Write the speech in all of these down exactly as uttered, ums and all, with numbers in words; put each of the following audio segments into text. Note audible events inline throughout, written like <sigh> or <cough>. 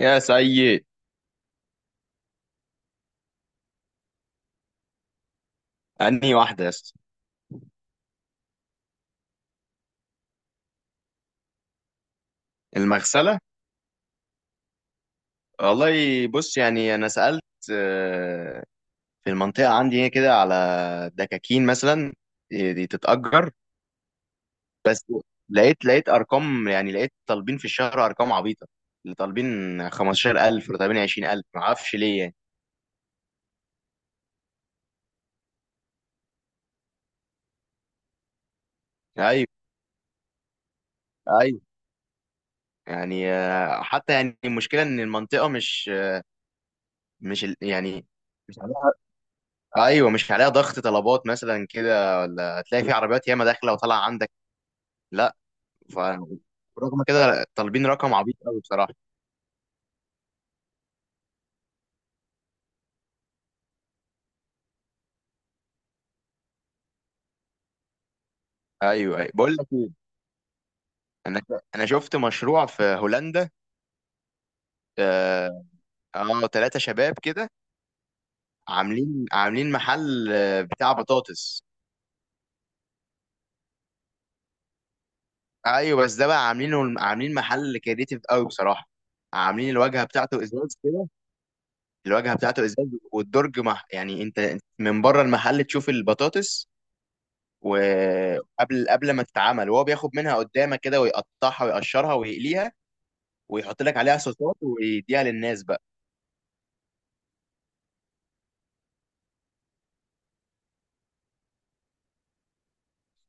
يا سيد. انهي واحده يا اسطى؟ المغسله. والله بص، يعني انا سالت. آه، في المنطقه عندي هنا كده على دكاكين مثلا دي دي تتاجر. بس لقيت لقيت ارقام، يعني لقيت طالبين في الشهر ارقام عبيطه، اللي طالبين خمسة عشر ألف ولا طالبين عشرين ألف، ما اعرفش ليه يعني. ايوه، ايوه، يعني آه، حتى يعني المشكله ان المنطقه مش مش ال- يعني مش عليها. ايوه، مش عليها ضغط طلبات مثلا كده، ولا هتلاقي في عربيات ياما داخله وطالعه عندك. لا. ف رغم كده طالبين رقم عبيط قوي بصراحه. ايوه، ايوه، بقول لك ايه، انا انا شفت مشروع في هولندا. اه. آه، تلاتة شباب كده عاملين عاملين محل، آه، بتاع بطاطس. ايوه بس ده بقى عاملينه عاملين محل كريتيف قوي بصراحه، عاملين الواجهه بتاعته ازاز كده. الواجهه بتاعته ازاز والدرج مح... يعني انت من بره المحل تشوف البطاطس، وقبل قبل ما تتعمل، وهو بياخد منها قدامك كده ويقطعها ويقشرها ويقليها، ويحط لك عليها صوصات ويديها للناس بقى.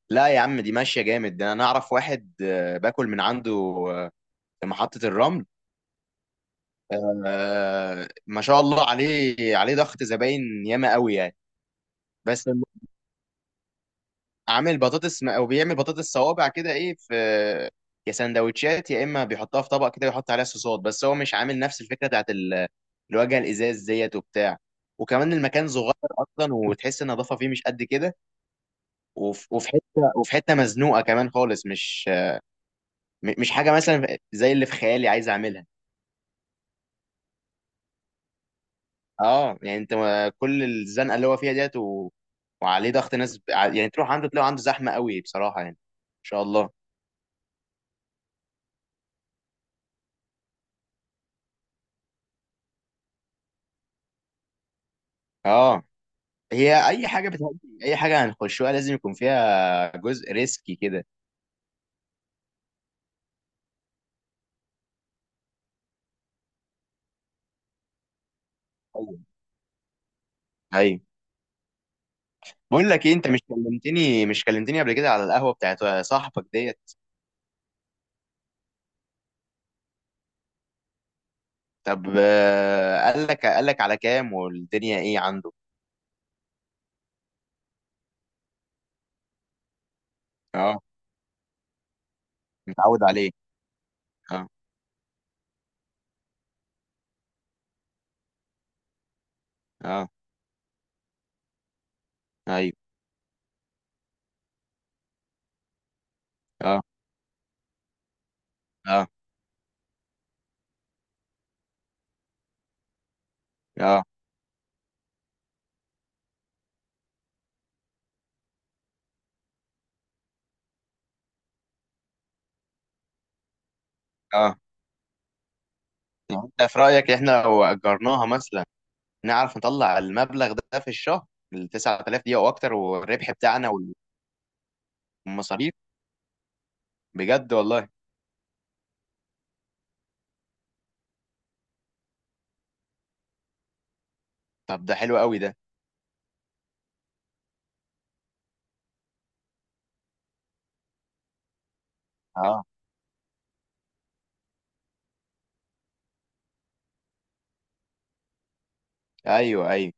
لا يا عم، دي ماشيه جامد، ده انا اعرف واحد آه، باكل من عنده، آه، في محطه الرمل. آه، ما شاء الله، عليه عليه ضغط زباين ياما قوي يعني. بس الم- عامل بطاطس م- او بيعمل بطاطس صوابع كده، ايه، في يا سندوتشات يا اما بيحطها في طبق كده ويحط عليها صوصات، بس هو مش عامل نفس الفكره بتاعت ال- الواجهه الازاز ديت وبتاع. وكمان المكان صغير اصلا، وتحس النظافه فيه مش قد كده، وف- وفي حته وفي حته مزنوقه كمان خالص، مش م- مش حاجه مثلا زي اللي في خيالي عايز اعملها. اه، يعني انت ما- كل الزنقه اللي هو فيها ديت و... وعليه ضغط ناس، ب... ع- يعني تروح عنده تلاقيه عنده زحمه قوي بصراحه، يعني ان شاء الله. اه. هي اي حاجه بتهدي، اي حاجه هنخشها لازم يكون فيها جزء ريسكي كده. ايوه، ايوه، بقول لك ايه، انت مش كلمتني مش كلمتني قبل كده على القهوه بتاعت صاحبك ديت؟ طب آه، قال لك قال لك على كام والدنيا ايه عنده؟ اه، متعود عليه. اه، اه. ايوه. اه، اه، اه، اه. آه. يعني انت في رأيك احنا لو أجرناها مثلا نعرف نطلع المبلغ ده في الشهر، ال تسعة آلاف دي او اكتر، والربح بتاعنا والمصاريف؟ بجد والله. طب ده حلو قوي ده. اه، ايوه، ايوه،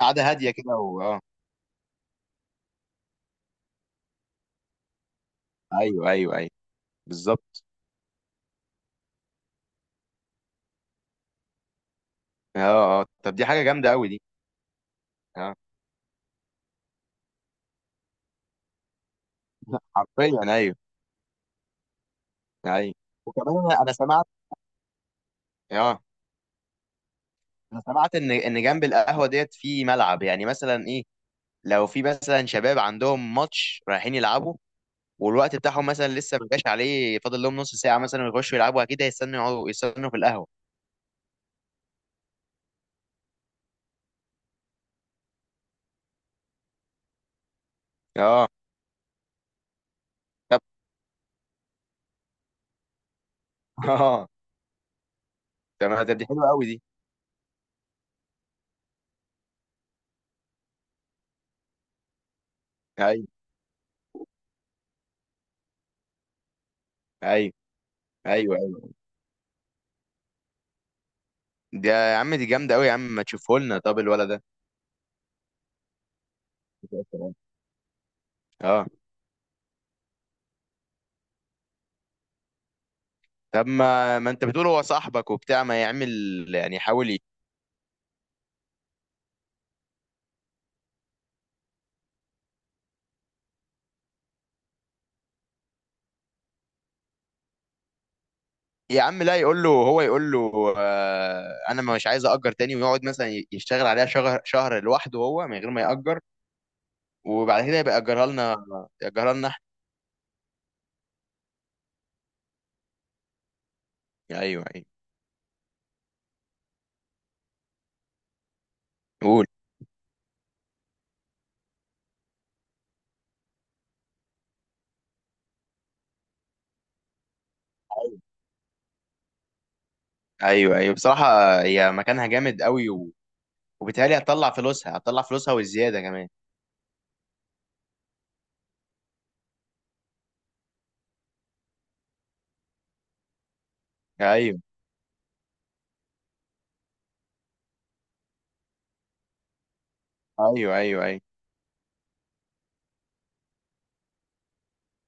قعدة هادية كده و... اه، ايوه، ايوه، ايوه، بالظبط. اه، اه، طب دي حاجة جامدة قوي دي. اه. <laughs> حرفيا، ايوه. ايوه، وكمان انا أنا سمعت، اه، انا سمعت ان ان جنب القهوة ديت في ملعب، يعني مثلا ايه، لو في مثلا شباب عندهم ماتش رايحين يلعبوا، والوقت بتاعهم مثلا لسه ما جاش عليه، فاضل لهم نص ساعه مثلا ويخشوا يلعبوا، اكيد هيستنوا يقعدوا، يستنوا في القهوه. اه، طب <laughs> اه، تمام، طب دي حلوه قوي دي. ايوه، ايوه، ايوه، ايوه، دي يا عم دي جامده قوي، يا عم ما تشوفه لنا طب الولد ده. اه، طب ما ما انت بتقول هو صاحبك وبتاع، ما يعمل، يعني يحاول ي- يا عم لا، يقول له، هو يقول له آه انا مش عايز اجر تاني، ويقعد مثلا ي- يشتغل عليها شهر شهر لوحده هو من غير ما ياجر، وبعد كده يبقى ياجرها لنا، ياجرها لنا احنا. ايوه، ايوه. قول. ايوه، ايوه بصراحه، هي مكانها جامد قوي و... وبالتالي هتطلع فلوسها هتطلع فلوسها والزياده كمان. ايوه، ايوه، ايوه، ايوه.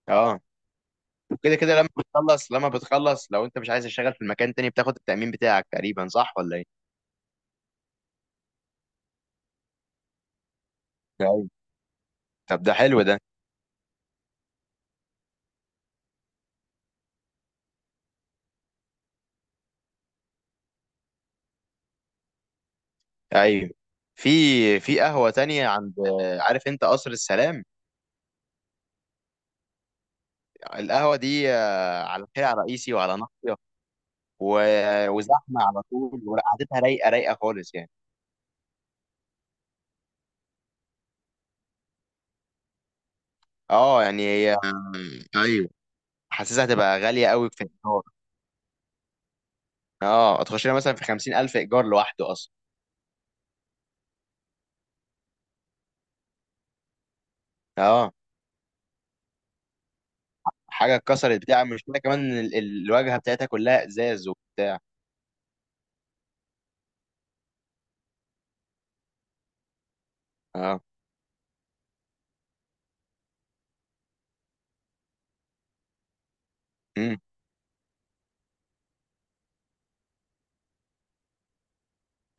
اه، كده كده، لما بتخلص لما بتخلص لو انت مش عايز تشتغل في المكان تاني، بتاخد التأمين بتاعك تقريبا، صح ولا ايه؟ ايوه، طب ده حلو ده. ايوه، في في قهوة تانية عند، عارف انت قصر السلام؟ القهوة دي آه، على شارع رئيسي وعلى ناصية، و- وزحمة على طول، وقعدتها رايقة رايقة خالص يعني. اه، يعني هي آه، ايوه، حاسسها هتبقى غالية قوي في الإيجار. اه، هتخش لها مثلا في خمسين ألف إيجار لوحده أصلا. اه، حاجة اتكسرت بتاع مش كده، كمان ال- ال- الواجهة بتاعتها كلها إزاز وبتاع. اه. امم.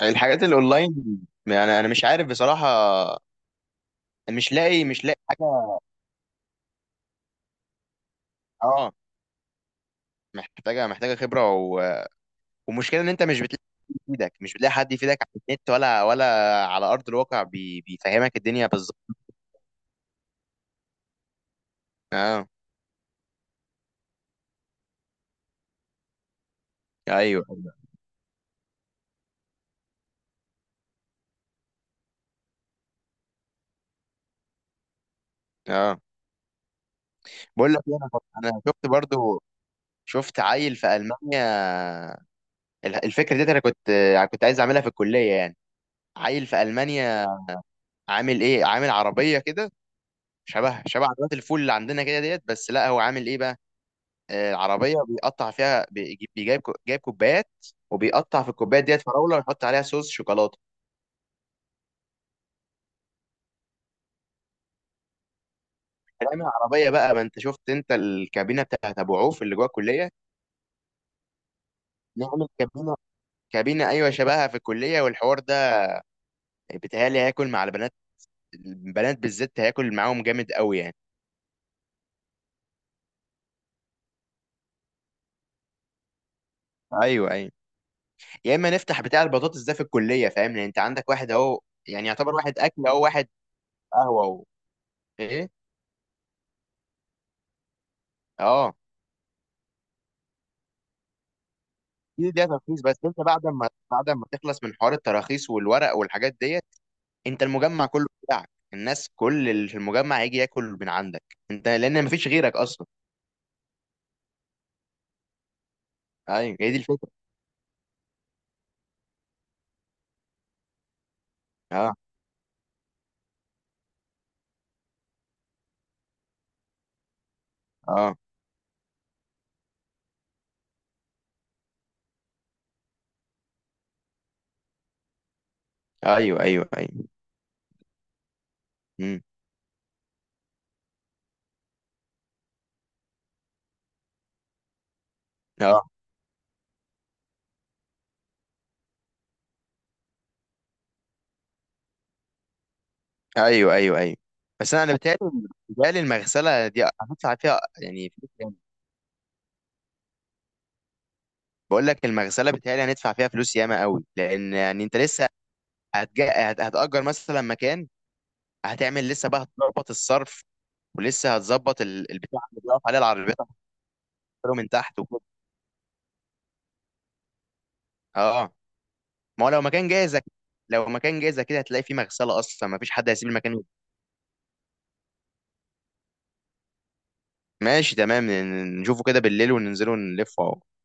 الحاجات الأونلاين، يعني أنا مش عارف بصراحة، مش لاقي مش لاقي حاجة. اه، محتاجة محتاجة خبرة و... ومشكلة إن أنت مش بتلاقي حد يفيدك، مش بتلاقي حد يفيدك على النت ولا ولا على أرض الواقع بي... بيفهمك الدنيا بالظبط. اه، ايوه، ايوه. اه، بقول لك إيه، انا أنا شفت برضو، شفت عيل في المانيا، ال- الفكره دي انا كنت كنت عايز اعملها في الكليه يعني، عيل في المانيا عامل ايه عامل عربيه كده شبه شبه عربيات الفول اللي عندنا كده ديت، بس لا هو عامل ايه بقى، آه، العربيه بيقطع فيها، بيجيب جايب كو- جايب كوبايات، وبيقطع في الكوبايات ديت فراوله ويحط عليها صوص شوكولاته. نعمل عربيه بقى، ما انت شفت انت الكابينه بتاعت ابو عوف اللي جوه الكليه؟ نعمل كابينه، كابينه ايوه شبهها في الكليه، والحوار ده بيتهيألي هياكل مع البنات، البنات بالذات هياكل معاهم جامد قوي يعني. ايوه، ايوه، يا اما نفتح بتاع البطاطس ده في الكليه، فاهم، لان انت عندك واحد اهو يعني يعتبر واحد اكل اهو، واحد قهوه اهو. ايه. اه، دي ده ترخيص، بس انت بعد ما بعد ما تخلص من حوار التراخيص والورق والحاجات ديت، انت المجمع كله بتاعك، الناس كل اللي في المجمع هيجي ياكل من عندك انت لان مفيش غيرك اصلا. ايوه، هي دي الفكره. اه، اه، ايوه، ايوه، ايوه. امم. اه، ايوه، ايوه، ايوه، بس انا بتهيألي بتهيألي المغسله دي هتدفع فيها يعني. بقول لك المغسله، بتهيألي هندفع فيها فلوس ياما قوي، لان يعني انت لسه هتجا... هت... هتأجر مثلا مكان، هتعمل لسه بقى، هتظبط الصرف، ولسه هتظبط ال... البتاع اللي بيقف عليه العربيات، هتحطه من تحت وكده. اه، ما هو لو مكان جاهز أك- لو مكان جاهز كده هتلاقي فيه مغسله اصلا، ما فيش حد هيسيب المكان. ماشي تمام، ن- نشوفه كده بالليل وننزله نلفه. على